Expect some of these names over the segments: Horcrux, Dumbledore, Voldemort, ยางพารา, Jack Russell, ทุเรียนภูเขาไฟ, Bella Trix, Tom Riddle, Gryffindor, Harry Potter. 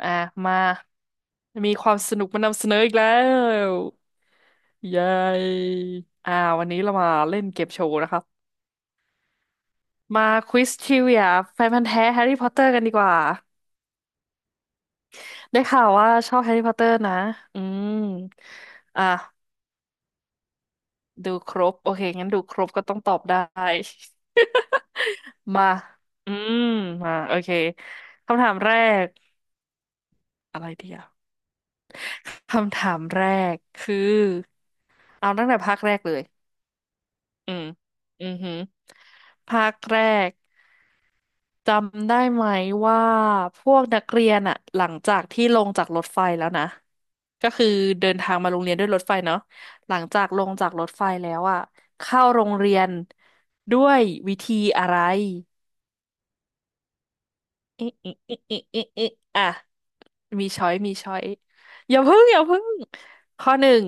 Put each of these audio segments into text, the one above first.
อ่ะมา มีความสนุกมานำเสนออีกแล้วเย้อ่าวันนี้เรามาเล่นเกมโชว์นะครับมาควิสทริวิอาแฟนพันธุ์แท้แฮร์รี่พอตเตอร์กันดีกว่าได้ข่าวว่าชอบแฮร์รี่พอตเตอร์นะอืมอ่ะดูครบโอเคงั้นดูครบก็ต้องตอบได้ มาอืมมาโอเคคำถามแรกอะไรดีอ่ะคำถามแรกคือเอาตั้งแต่ภาคแรกเลย อืมอือหือภาคแรกจำได้ไหมว่าพวกนักเรียนอะหลังจากที่ลงจากรถไฟแล้วนะก็คือเดินทางมาโรงเรียนด้วยรถไฟเนาะหลังจากลงจากรถไฟแล้วอะเข้าโรงเรียนด้วยวิธีอะไรอิอิอิอิอิอิอ่ะมีช้อยมีช้อยอย่าเพึ่งอย่าเพึ่งข้อหนึ่ง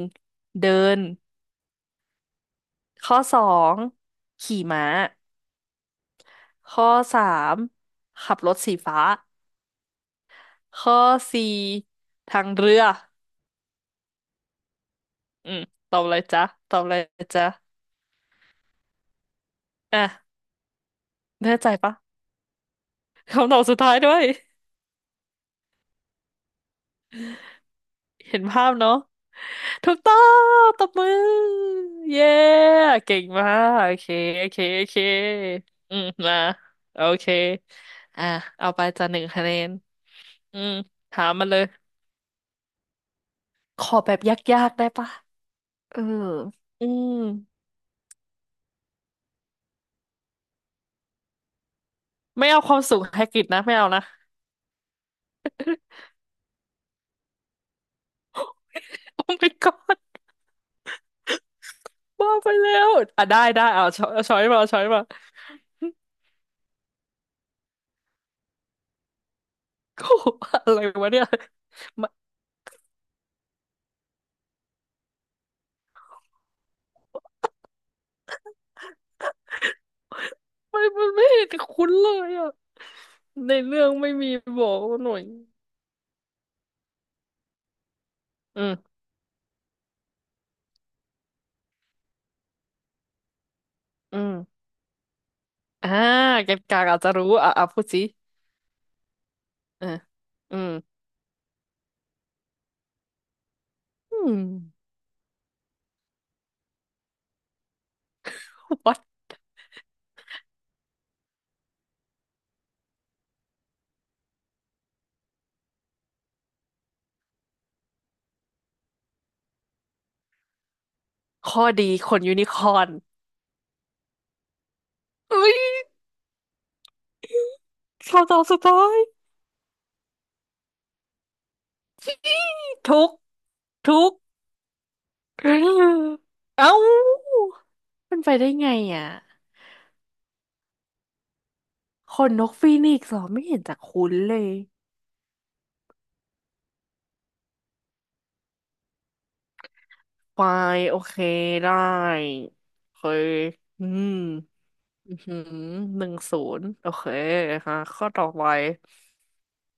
เดินข้อสองขี่ม้าข้อสามขับรถสีฟ้า ข้อสี่ทางเรืออืมตอบอะไรจ๊ะตอบอะไรจ๊ะอ่ะแน่ใจปะคำตอบสุดท้ายด้วยเห็นภาพเนาะถูกต้องตบมือเย้เก่งมากโอเคโอเคโอเคอืมมาโอเคอ่ะเอาไปจ้ะ1 คะแนนอืมถามมาเลยขอแบบยากๆได้ปะเอออืมไม่เอาความสูงไฮกริดนะไม่เอานะ โอ้ my god บ้าไปแล้วอ่ะได้ได้เอาช้อยเอาช้อยมาเอาช้อยมา โอ้โหอะไรวะเนี่ย ไมันมัมันไม่เห็นคุ้นเลยอ่ะในเรื่องไม่มีบอกหน่อยอืมอืมอ่าเกณฑ์กลางอาจจะรู้อ่ะอ่ะพูดสิเอออืมอืม what ข้อดีขนยูนิคอร์นเอ้ยคำตอบสุดท้าย ทุกทุก เอ้าเป็นไปได้ไงอ่ะ ขนนกฟีนิกซ์เหรอไม่เห็นจะคุ้นเลยไฟโอเคได้เคยอืมอือหือหนึ่งศูนย์โอเคค่ะข้อต่อไป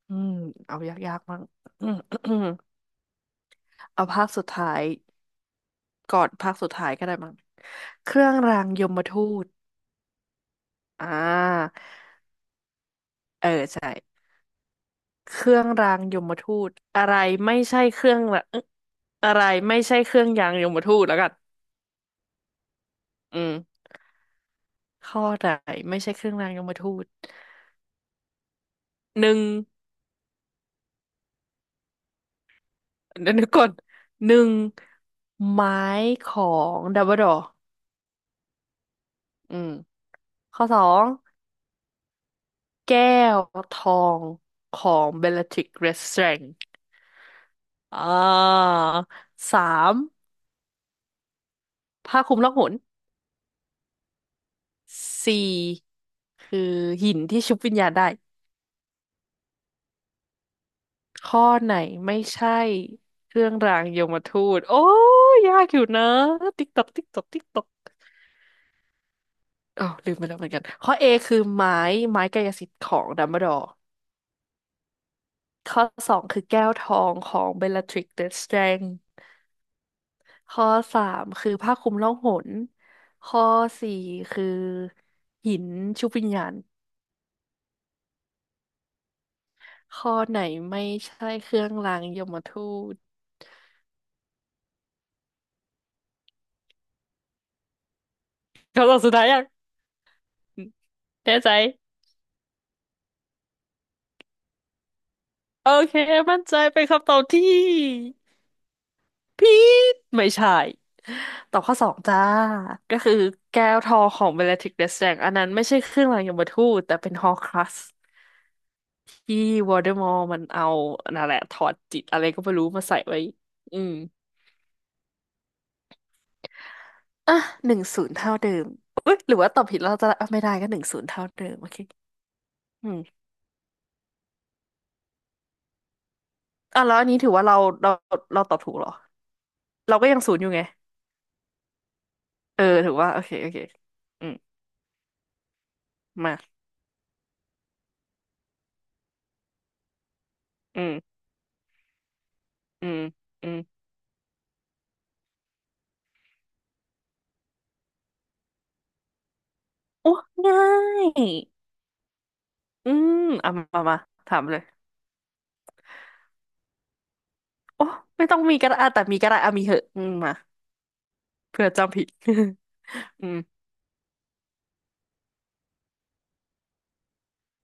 อืมเอายากๆมั้ง อืม เอาภาคสุดท้ายก่อนภาคสุดท้ายก็ได้มั้งเครื่องรางยมทูตอ่าเออใช่เครื่องรางยมทูตอะไรไม่ใช่เครื่องละอะไรไม่ใช่เครื่องยางยมทูตแล้วกันอืม ข้อไหนไม่ใช่เครื่องรางยมทูตหนึ่งเดี๋ยวนึกก่อนหนึ่งไม้ของดัมเบิลดอร์อืมข้อสองแก้วทองของเบลล r ทริกเรสแตรงอ่าสามผ้าคลุมล่องหนสี่คือหินที่ชุบวิญญาณได้ข้อไหนไม่ใช่เครื่องรางยมทูตโอ้ยยากอยู่นะติ๊กตอกติ๊กตอกติ๊กตอก อ๋อ ลืมไปแล้วเหมือนกัน ข้อ A คือไม้ไม้กายสิทธิ์ของดัมเบิลดอร์ข้อสองคือแก้วทองของเบลลาทริกซ์เดอะสเตรนจ์ข้อสามคือผ้าคลุมล่องหน ข้อสี่คือหินชุบวิญญาณข้อไหนไม่ใช่เครื่องรางยมทูตคำตอบสุดท้ายยังแน่ใจโอเคมั่นใจเป็นคำตอบที่ผิดไม่ใช่ ตอบข้อสองจ้าก็คือแก้วทองของเบลลาทริกซ์แดสแดงอันนั้นไม่ใช่เครื่องรางยมทูตแต่เป็นฮอร์ครักซ์ที่วอลเดอมอร์มันเอานั่นแหละถอดจิตอะไรก็ไม่รู้มาใส่ไว้อืมอ่ะหนึ่งศูนย์เท่าเดิมอุ๊ยหรือว่าตอบผิดแล้วเราจะอ่ะไม่ได้ก็หนึ่งศูนย์เท่าเดิมโอเคอืมอ่ะแล้วอันนี้ถือว่าเราเราตอบถูกเหรอเราก็ยังศูนย์อยู่ไงเออถือว่าโอเคโอเคอืมมาอืมอืมอืมโอ้ง่ายอืมเอามามามาถามเลย โอ้ไม่ต้องมีก็ได้อ่ะแต่มีก็ได้อ่ะมีเหอะอืมมาเผื่อจำผิด อืม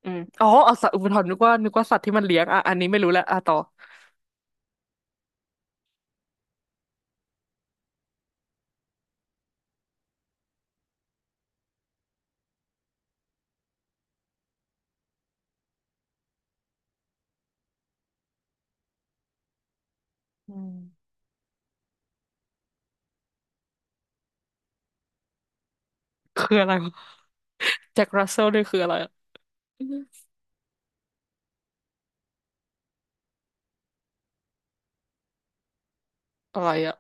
อืมอ๋อเอาสัตว์อุปทานนึกว่านึกว่าสัตว์ที่มันเลี้ยงอ่ะอันนี้ไม่รู้แล้วอ่ะต่ออืมคืออะไรวะแจ็ครัสเซลนี่คืออะไรอะอืมอะไรอะ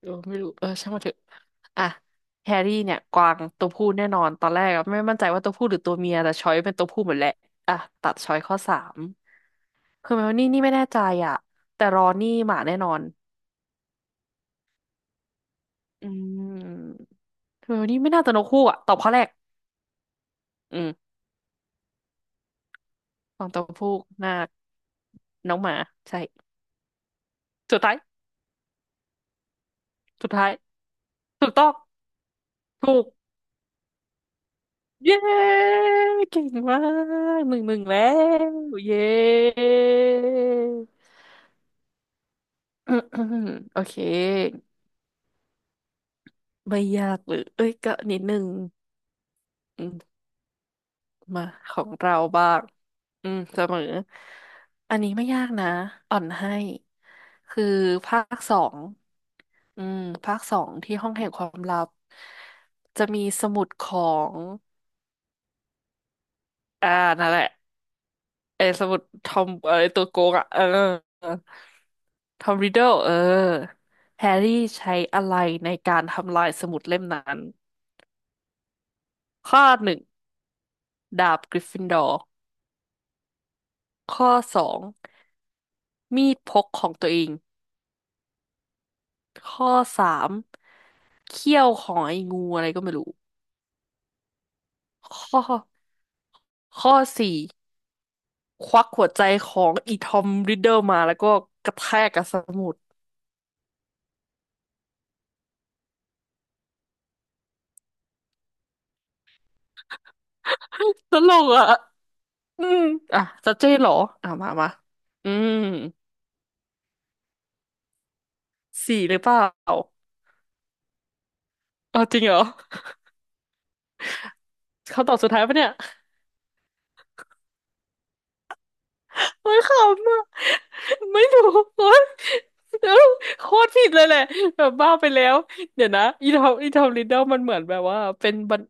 เออไม่รู้เออช่างมันเถอะอ่ะแฮร์รี่เนี่ยกวางตัวผู้แน่นอนตอนแรกอะไม่มั่นใจว่าตัวผู้หรือตัวเมียแต่ช้อยเป็นตัวผู้หมดแหละอ่ะตัดช้อยข้อสามคือเมลนี่นี่ไม่แน่ใจอ่ะแต่รอนนี่หมาแน่นอนอืมเมลนี่ไม่น่าจะนกคู่อ่ะตอบข้อแรกอืม ฟองเต้าหู้นาคน้องหมาใช่สุดท้ายสุดท้ายถูกต้องถูกเย้เก่งมาก1-1แล้วเย้ อืมอืมโอเคไม่ยากหรือเอ้ยก็นิดนึงอืมมาของเราบ้างอืมเสมออันนี้ไม่ยากนะอ่อนให้คือภาคสองอืมภาคสองที่ห้องแห่งความลับจะมีสมุดของ อ่านั่นแหละไอ้สมุดทอมเออไอ้ตัวโกงอ่ะเออทอมริดเดิลเออแฮร์รี่ใช้อะไรในการทำลายสมุดเล่มนั้นข้อหนึ่งดาบกริฟฟินดอร์ข้อสองมีดพกของตัวเองข้อสามเขี้ยวของไอ้งูอะไรก็ไม่รู้ข้อข้อสี่ควักหัวใจของอีทอมริดเดิลมาแล้วก็กระแทกกับสมุดตลกอ่ะอืมอ่ะจะเจ๊เหรออ่ะมามาอืม สี่หรือเปล่าเอาจริงเหรอคำตอบสุดท้ายปะเนี่ยโอ้ยขำอ่ะไม่ถูก โอ้ยเอ้าโคตรผิดเลยแหละแบบบ้าไปแล้ว เดี๋ยวนะอีทอมอีทอมลิดเดิลมันเหมือนแบบว่าเป็นบัน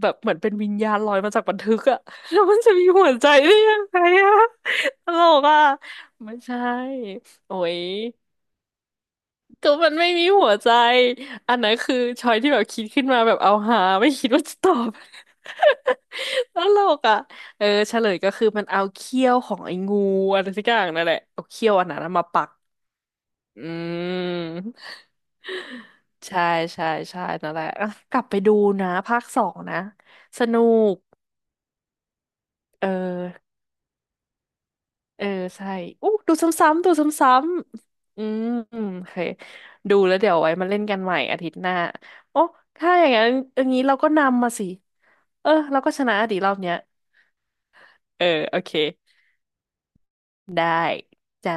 แบบเหมือนเป็นวิญญาณลอยมาจากบันทึกอะแล้วมันจะมีหัวใจได้ยังไงอะตลกอะไม่ใช่ โอ้ย ก็มันไม่มีหัวใจ อันนั้นคือชอยที่แบบคิดขึ้นมาแบบเอาหาไม่คิดว่าจะตอบ ตลกอ่ะเออเฉลยก็คือมันเอาเขี้ยวของไอ้งูอะไรสักอย่างนั่นแหละเอาเขี้ยวอันนั้นมาปัก อืม ใช่ใช่ใช่นั่นแหละอ่ะกลับไปดูนะภาคสองนะสนุกเออ เออใช่อู้ดูซ้ำๆดูซ้ำๆอืมโอเคดูแล้วเดี๋ยวไว้มาเล่นกันใหม่อาทิตย์หน้าโอ้ถ้าอย่างนั้นอย่างนี้เราก็นำมาสิ เออเราก็ชนะดีรอบเนี้ยเออโอเคได้จ้า